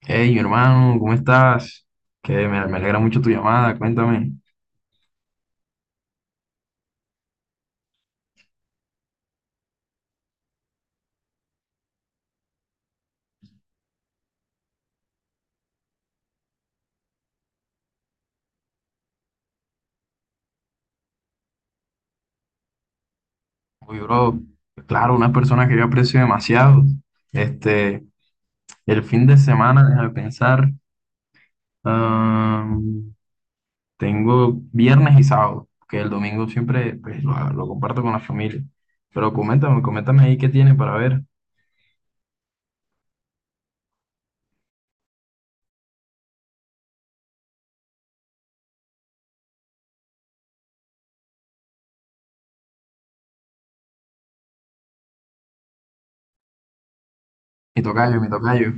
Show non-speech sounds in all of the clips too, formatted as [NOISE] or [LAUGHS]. Hey, mi hermano, ¿cómo estás? Que me alegra mucho tu llamada, cuéntame. Uy, bro, claro, una persona que yo aprecio demasiado. Este, el fin de semana, déjame pensar, am, tengo viernes y sábado, que el domingo siempre pues, lo comparto con la familia. Pero coméntame, coméntame ahí qué tienes para ver. Mi tocayo, mi tocayo.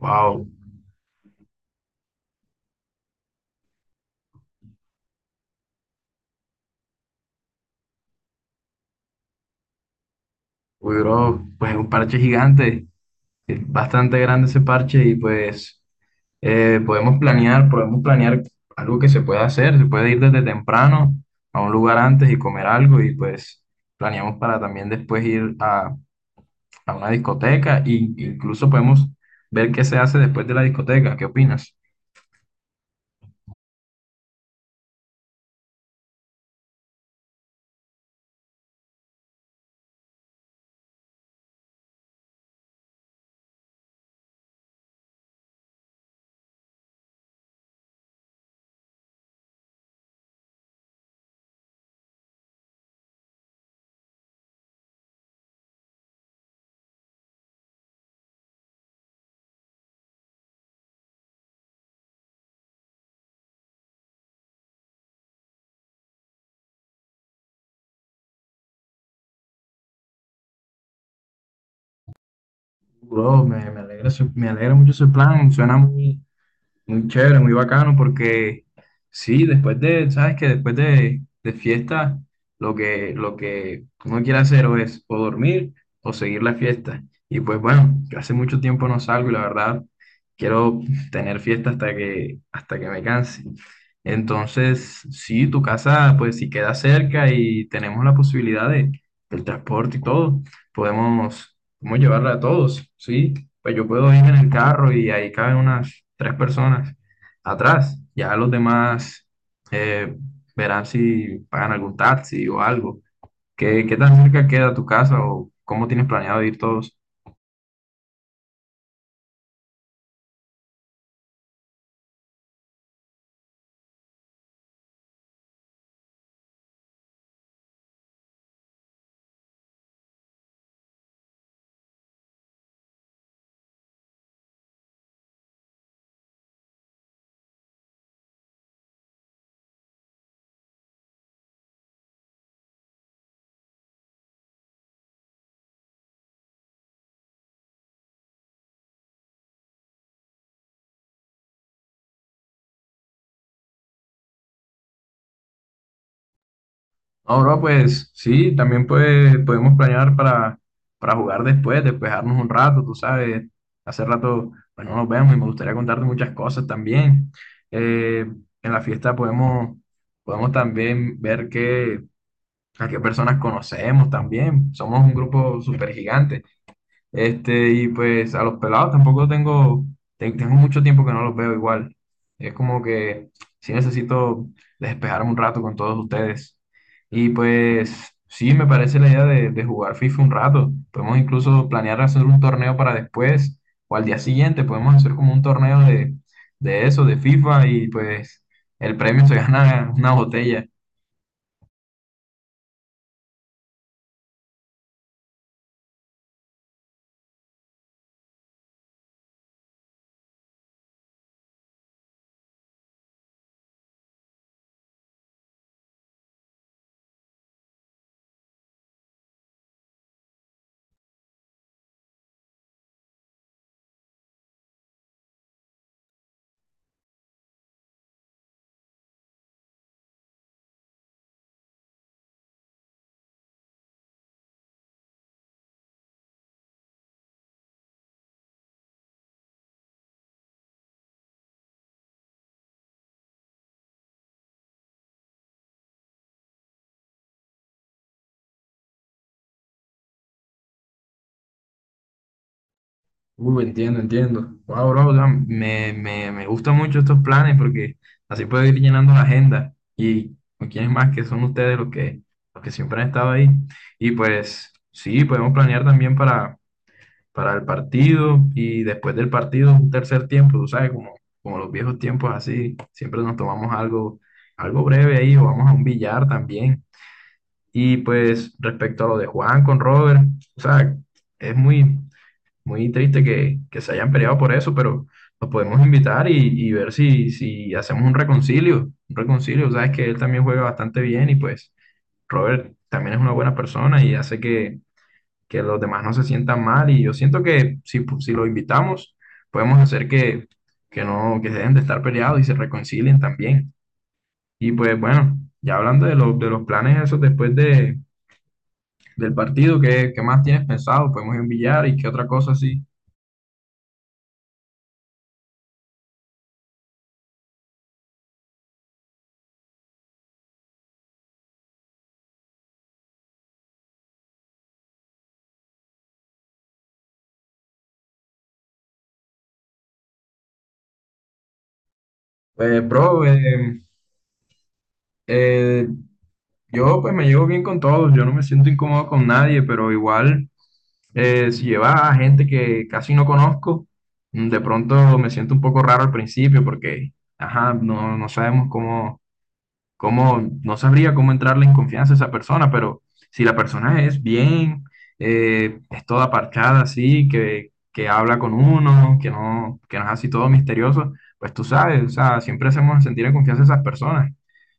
Wow, uy, bro, pues un parche gigante. Sí, bastante grande ese parche y pues podemos planear algo que se pueda hacer, se puede ir desde temprano a un lugar antes y comer algo y pues planeamos para también después ir a una discoteca e incluso podemos ver qué se hace después de la discoteca, ¿qué opinas? Bro, me alegra mucho ese plan, suena muy, muy chévere, muy bacano, porque sí, después de, sabes que después de fiesta, lo que uno quiere hacer o es o dormir o seguir la fiesta. Y pues bueno, yo hace mucho tiempo no salgo y la verdad quiero tener fiesta hasta que me canse. Entonces, sí, tu casa, pues si queda cerca y tenemos la posibilidad del transporte y todo, podemos llevarla a todos, ¿sí? Pues yo puedo ir en el carro y ahí caben unas tres personas atrás. Ya los demás eh, verán si pagan algún taxi o algo. Qué tan cerca queda tu casa o cómo tienes planeado ir todos? No, bro, pues sí, también pues, podemos planear para jugar después, despejarnos un rato, tú sabes. Hace rato, bueno, nos vemos y me gustaría contarte muchas cosas también. Eh, en la fiesta podemos también ver qué a qué personas conocemos también. Somos un grupo súper gigante. Y pues a los pelados tampoco tengo, tengo mucho tiempo que no los veo igual. Es como que sí necesito despejarme un rato con todos ustedes. Y pues sí, me parece la idea de jugar FIFA un rato. Podemos incluso planear hacer un torneo para después o al día siguiente. Podemos hacer como un torneo de eso, de FIFA y pues el premio se [LAUGHS] gana una botella. Entiendo, entiendo. Wow, bro, o sea, me gustan mucho estos planes porque así puedo ir llenando la agenda. Y ¿con quiénes más que son ustedes los que siempre han estado ahí? Y pues sí, podemos planear también para el partido y después del partido un tercer tiempo, tú sabes, como los viejos tiempos así, siempre nos tomamos algo breve ahí o vamos a un billar también. Y pues respecto a lo de Juan con Robert, o sea, es muy, muy triste que se hayan peleado por eso, pero los podemos invitar y ver si hacemos un reconcilio. Un reconcilio, sabes que él también juega bastante bien y pues Robert también es una buena persona y hace que los demás no se sientan mal. Y yo siento que si lo invitamos, podemos hacer que no, que dejen de estar peleados y se reconcilien también. Y pues bueno, ya hablando de los planes esos después del partido, qué más tienes pensado? ¿Podemos enviar y qué otra cosa así? Pues, bro, Eh, yo pues me llevo bien con todos, yo no me siento incómodo con nadie, pero igual si lleva a gente que casi no conozco, de pronto me siento un poco raro al principio porque, ajá, no sabemos no sabría cómo entrarle en confianza a esa persona, pero si la persona es bien, es toda parchada así, que habla con uno, que no es así todo misterioso, pues tú sabes, o sea, siempre hacemos sentir en confianza a esas personas.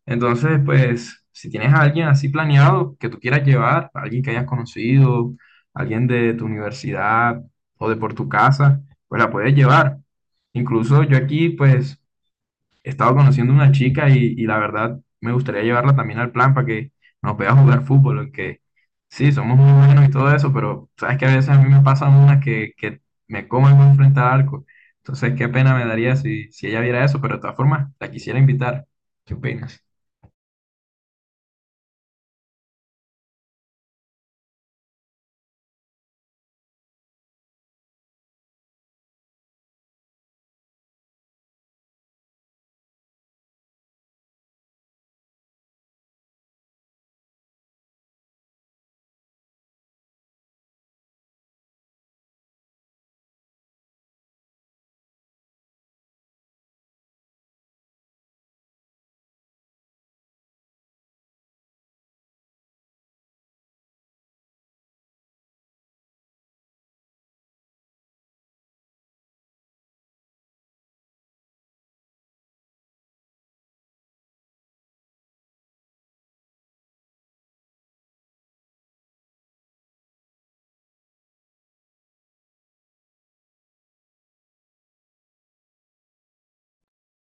Entonces, pues, si tienes a alguien así planeado que tú quieras llevar, alguien que hayas conocido, alguien de tu universidad o de por tu casa, pues la puedes llevar. Incluso yo aquí, pues, he estado conociendo una chica y la verdad me gustaría llevarla también al plan para que nos vea jugar fútbol, aunque sí, somos muy buenos y todo eso, pero sabes que a veces a mí me pasan unas que me comen muy frente al arco. Entonces, qué pena me daría si ella viera eso, pero de todas formas, la quisiera invitar. ¿Qué opinas?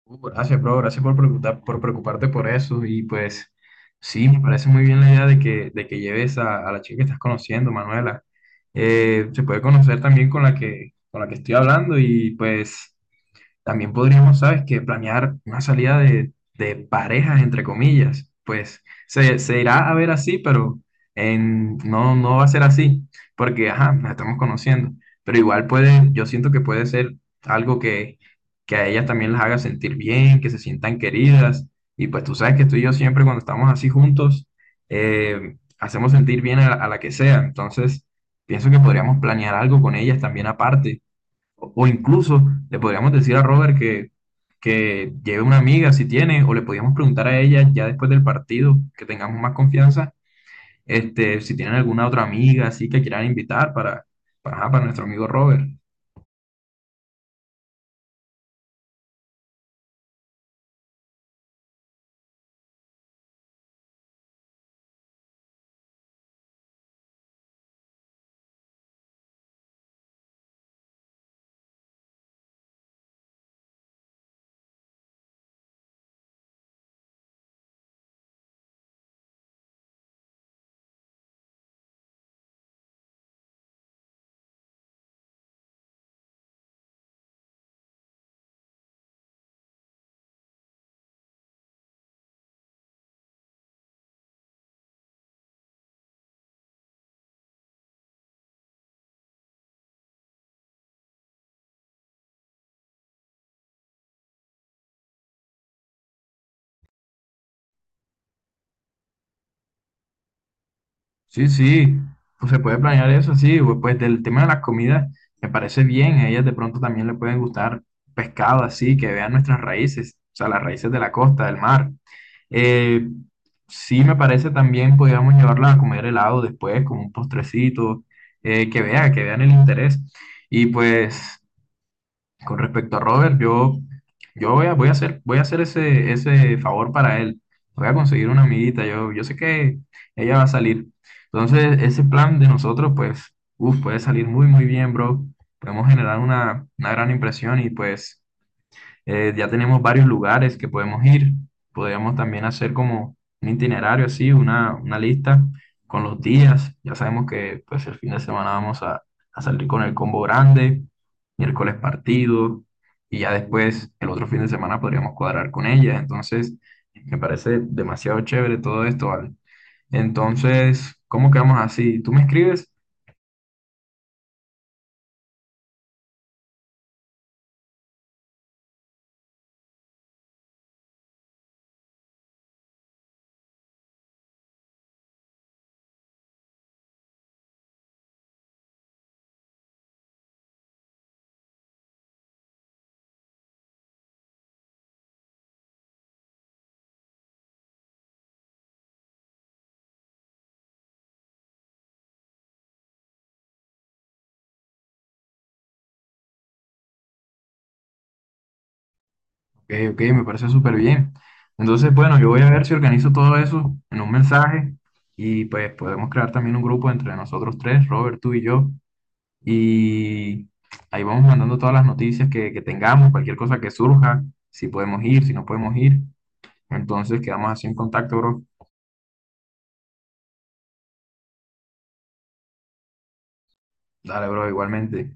Gracias, bro. Gracias por preguntar, por preocuparte por eso. Y pues, sí, me parece muy bien la idea de que lleves a la chica que estás conociendo, Manuela. Se puede conocer también con con la que estoy hablando y pues. También podríamos, ¿sabes qué? Planear una salida de parejas, entre comillas. Pues se irá a ver así, pero no, no va a ser así, porque, ajá, nos estamos conociendo. Pero igual yo siento que puede ser algo que a ellas también las haga sentir bien, que se sientan queridas. Y pues tú sabes que tú y yo siempre cuando estamos así juntos, hacemos sentir bien a a la que sea. Entonces, pienso que podríamos planear algo con ellas también aparte o incluso le podríamos decir a Robert que lleve una amiga si tiene, o le podríamos preguntar a ella ya después del partido, que tengamos más confianza, si tienen alguna otra amiga así que quieran invitar ajá, para nuestro amigo Robert. Sí, sí, pues se puede planear eso, sí, pues del tema de las comidas me parece bien, a ellas de pronto también le pueden gustar pescado así, que vean nuestras raíces, o sea, las raíces de la costa, del mar. Eh, sí me parece también podríamos llevarla a comer helado después, como un postrecito, que que vean el interés. Y pues con respecto a Robert, yo voy a hacer ese favor para él. Voy a conseguir una amiguita. Yo sé que ella va a salir. Entonces, ese plan de nosotros, pues, uf, puede salir muy, muy bien, bro. Podemos generar una gran impresión y pues ya tenemos varios lugares que podemos ir. Podríamos también hacer como un itinerario así, una lista con los días. Ya sabemos que pues el fin de semana vamos a salir con el combo grande, miércoles partido, y ya después el otro fin de semana podríamos cuadrar con ellas. Entonces, me parece demasiado chévere todo esto, ¿vale? Entonces, ¿cómo quedamos así? ¿Tú me escribes? Ok, ok, me parece súper bien. Entonces, bueno, yo voy a ver si organizo todo eso en un mensaje y pues podemos crear también un grupo entre nosotros tres, Robert, tú y yo, y ahí vamos mandando todas las noticias que tengamos, cualquier cosa que surja, si podemos ir, si no podemos ir. Entonces, quedamos así en contacto, bro. Dale, bro, igualmente.